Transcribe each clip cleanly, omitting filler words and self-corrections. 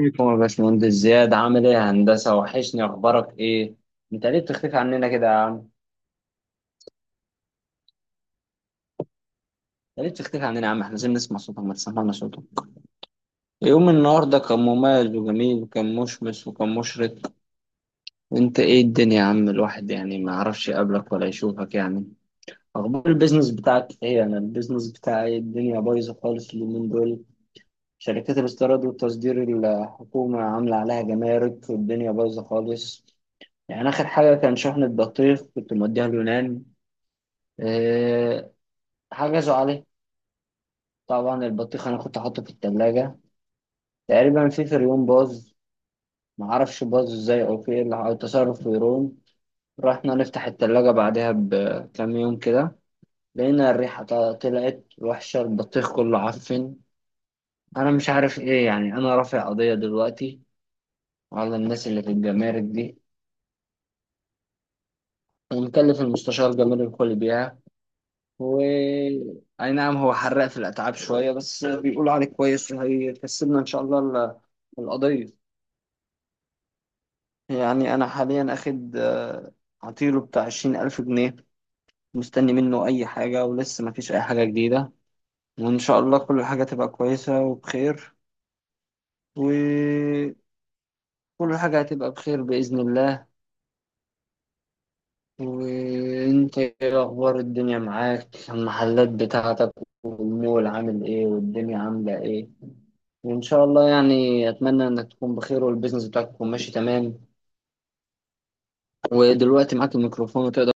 عليكم يا باشمهندس زياد، عامل ايه يا هندسة؟ وحشني، اخبارك ايه؟ انت ليه بتختفي عننا كده يا عم؟ انت ليه بتختفي عننا يا عم؟ احنا عايزين نسمع صوتك، ما تسمعنا صوتك. يوم النهارده كان مميز وجميل وكان مشمس وكان مشرق. انت ايه الدنيا يا عم، الواحد يعني ما يعرفش يقابلك ولا يشوفك يعني. اخبار البيزنس بتاعك ايه؟ انا البيزنس بتاعي الدنيا بايظة خالص اليومين دول. شركات الاستيراد والتصدير الحكومة عاملة عليها جمارك والدنيا بايظة خالص. يعني آخر حاجة كان شحن البطيخ، كنت موديها اليونان. أه حجزوا عليه. طبعا البطيخ أنا كنت حاطه في التلاجة، تقريبا في فريون باظ. معرفش باظ ازاي أو في إيه اللي أو تصرف فريون. رحنا نفتح التلاجة بعدها بكام يوم كده، لقينا الريحة طلعت وحشة، البطيخ كله عفن. أنا مش عارف إيه يعني. أنا رافع قضية دلوقتي على الناس اللي في الجمارك دي، ومكلف المستشار جمال الكليبيعة. و اي نعم، هو حرق في الاتعاب شويه، بس بيقولوا عليه كويس وهيكسبنا ان شاء الله القضيه. يعني انا حاليا اخد عطيله بتاع 20000 جنيه، مستني منه اي حاجه ولسه ما فيش اي حاجه جديده. وان شاء الله كل حاجه تبقى كويسه وبخير، وكل حاجه هتبقى بخير باذن الله. وانت ايه اخبار الدنيا معاك؟ المحلات بتاعتك والمول عامل ايه، والدنيا عامله ايه؟ إن شاء الله يعني أتمنى إنك تكون بخير والبيزنس بتاعك يكون ماشي تمام. ودلوقتي معاك الميكروفون وتقدر.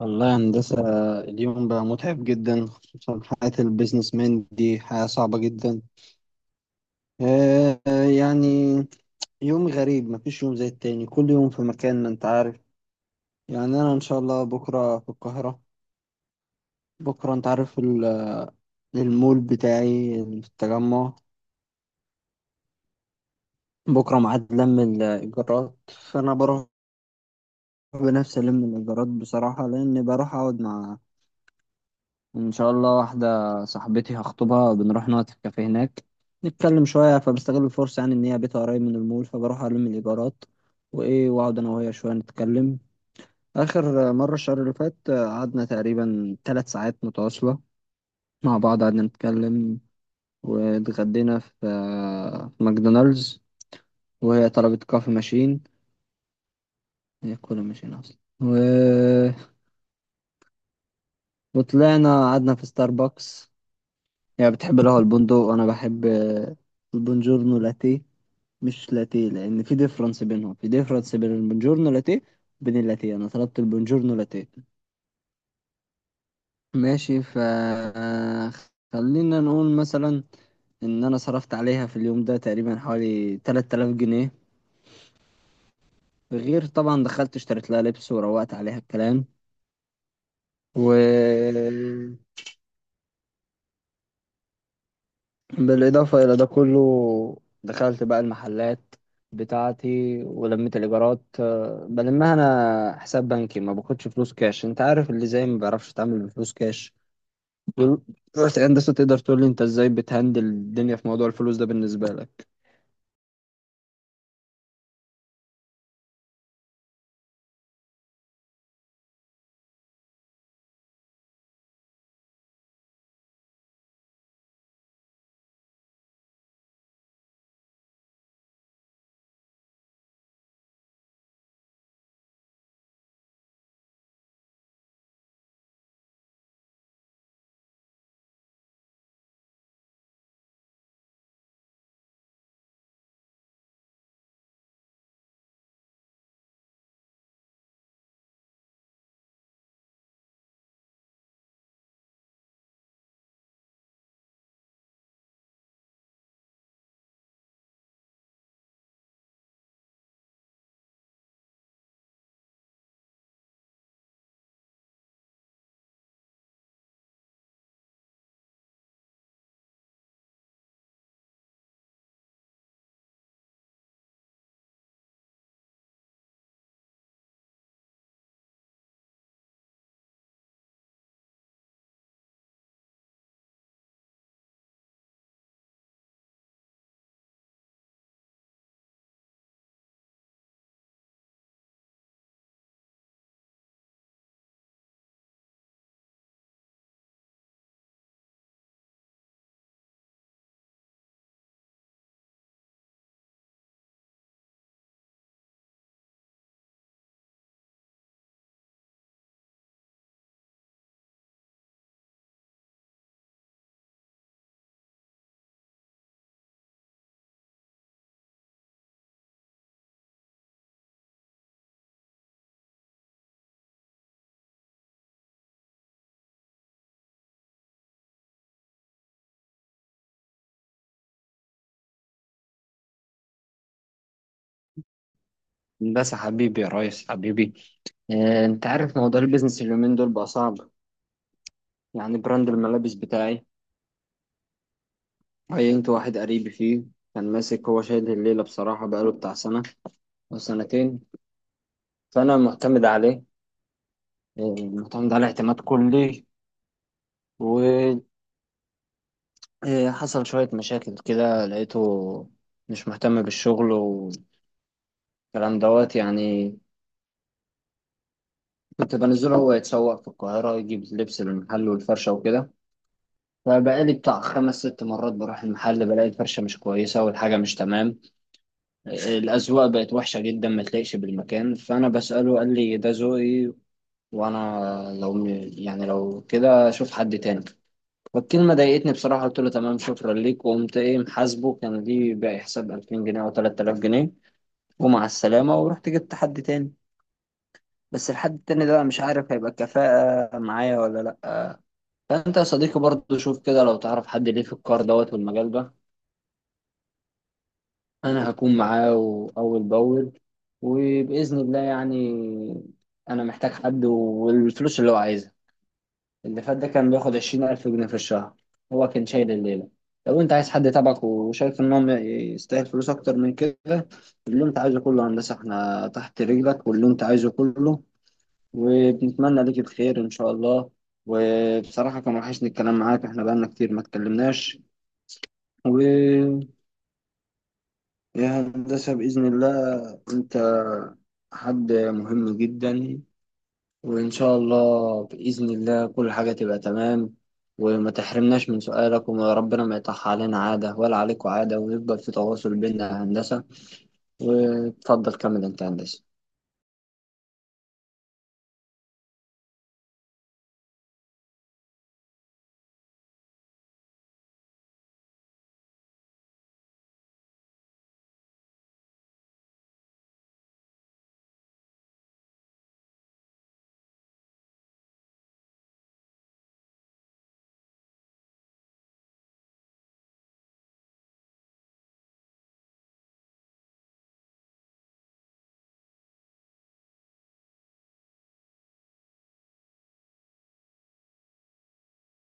والله يا هندسة، اليوم بقى متعب جدا، خصوصا حياة البيزنس مان دي حياة صعبة جدا. آه يعني يوم غريب، مفيش يوم زي التاني، كل يوم في مكان، ما انت عارف. يعني أنا إن شاء الله بكرة في القاهرة. بكرة انت عارف المول بتاعي اللي في التجمع، بكرة ميعاد لم الإيجارات، فأنا بروح بنفسي ألم الإيجارات بصراحة، لأن بروح أقعد مع إن شاء الله واحدة صاحبتي هخطبها. بنروح نقعد في الكافيه هناك، نتكلم شوية. فبستغل الفرصة يعني إن هي بيتها قريب من المول، فبروح ألم الإيجارات وإيه، وأقعد أنا وهي شوية نتكلم. آخر مرة الشهر اللي فات قعدنا تقريبا ثلاث ساعات متواصلة مع بعض، قعدنا نتكلم، واتغدينا في ماكدونالدز. وهي طلبت كوفي ماشين، هي كولا ماشين أصلا. وطلعنا قعدنا في ستاربكس. يعني بتحب القهوة البندق، وأنا بحب البونجورنو لاتيه. مش لاتيه، لأن في ديفرنس بينهم، في ديفرنس بين البونجورنو لاتيه وبين اللاتيه. أنا طلبت البونجورنو لاتيه، ماشي. ف آه، خلينا نقول مثلا إن أنا صرفت عليها في اليوم ده تقريبا حوالي 3000 جنيه، غير طبعا دخلت اشتريت لها لبس وروقت عليها الكلام. و بالإضافة إلى ده كله، دخلت بقى المحلات بتاعتي ولميت الإيجارات. بلمها أنا حساب بنكي، ما باخدش فلوس كاش، أنت عارف اللي زي ما بيعرفش يتعامل بفلوس كاش دول- رحت. هندسة، تقدر تقول لي أنت إزاي بتهندل الدنيا في موضوع الفلوس ده بالنسبة لك؟ بس حبيبي يا ريس، حبيبي انت عارف موضوع البيزنس اليومين دول بقى صعب. يعني براند الملابس بتاعي، عينت واحد قريبي فيه، كان ماسك هو شايل الليلة بصراحة، بقاله بتاع سنة أو سنتين. فأنا معتمد عليه، المعتمد على اعتماد كلي. وحصل شوية مشاكل كده، لقيته مش مهتم بالشغل والكلام دوت يعني. كنت بنزله هو يتسوق في القاهرة، يجيب لبس للمحل والفرشة وكده. فبقالي بتاع خمس ست مرات بروح المحل، بلاقي الفرشة مش كويسة والحاجة مش تمام، الأذواق بقت وحشة جدا، ما تلاقيش بالمكان. فأنا بسأله، قال لي ده ذوقي، وأنا لو يعني لو كده أشوف حد تاني. فالكلمة ضايقتني بصراحة، قلت له تمام شكرا ليك، وقمت ايه محاسبه، كان ليه باقي حساب 2000 جنيه او 3000 جنيه، ومع السلامة. ورحت جبت حد تاني، بس الحد التاني ده أنا مش عارف هيبقى كفاءة معايا ولا لأ. فأنت يا صديقي برضه شوف كده، لو تعرف حد ليه في الكار دوت والمجال ده، أنا هكون معاه أول بأول، وبإذن الله يعني. أنا محتاج حد، والفلوس اللي هو عايزها، اللي فات ده كان بياخد 20000 جنيه في الشهر، هو كان شايل الليلة. لو أنت عايز حد تبعك وشايف إن هو يستاهل فلوس أكتر من كده، اللي أنت عايزه كله يا هندسة، إحنا تحت رجلك، واللي أنت عايزه كله. وبنتمنى ليك الخير إن شاء الله. وبصراحة كان وحشني الكلام معاك، إحنا بقالنا كتير ما اتكلمناش. ويا هندسة بإذن الله أنت حد مهم جدا، وإن شاء الله بإذن الله كل حاجة تبقى تمام. وما تحرمناش من سؤالك، وربنا ما يطح علينا عادة ولا عليكوا عادة، ويفضل في تواصل بيننا يا هندسة. وتفضل كمل أنت يا هندسة.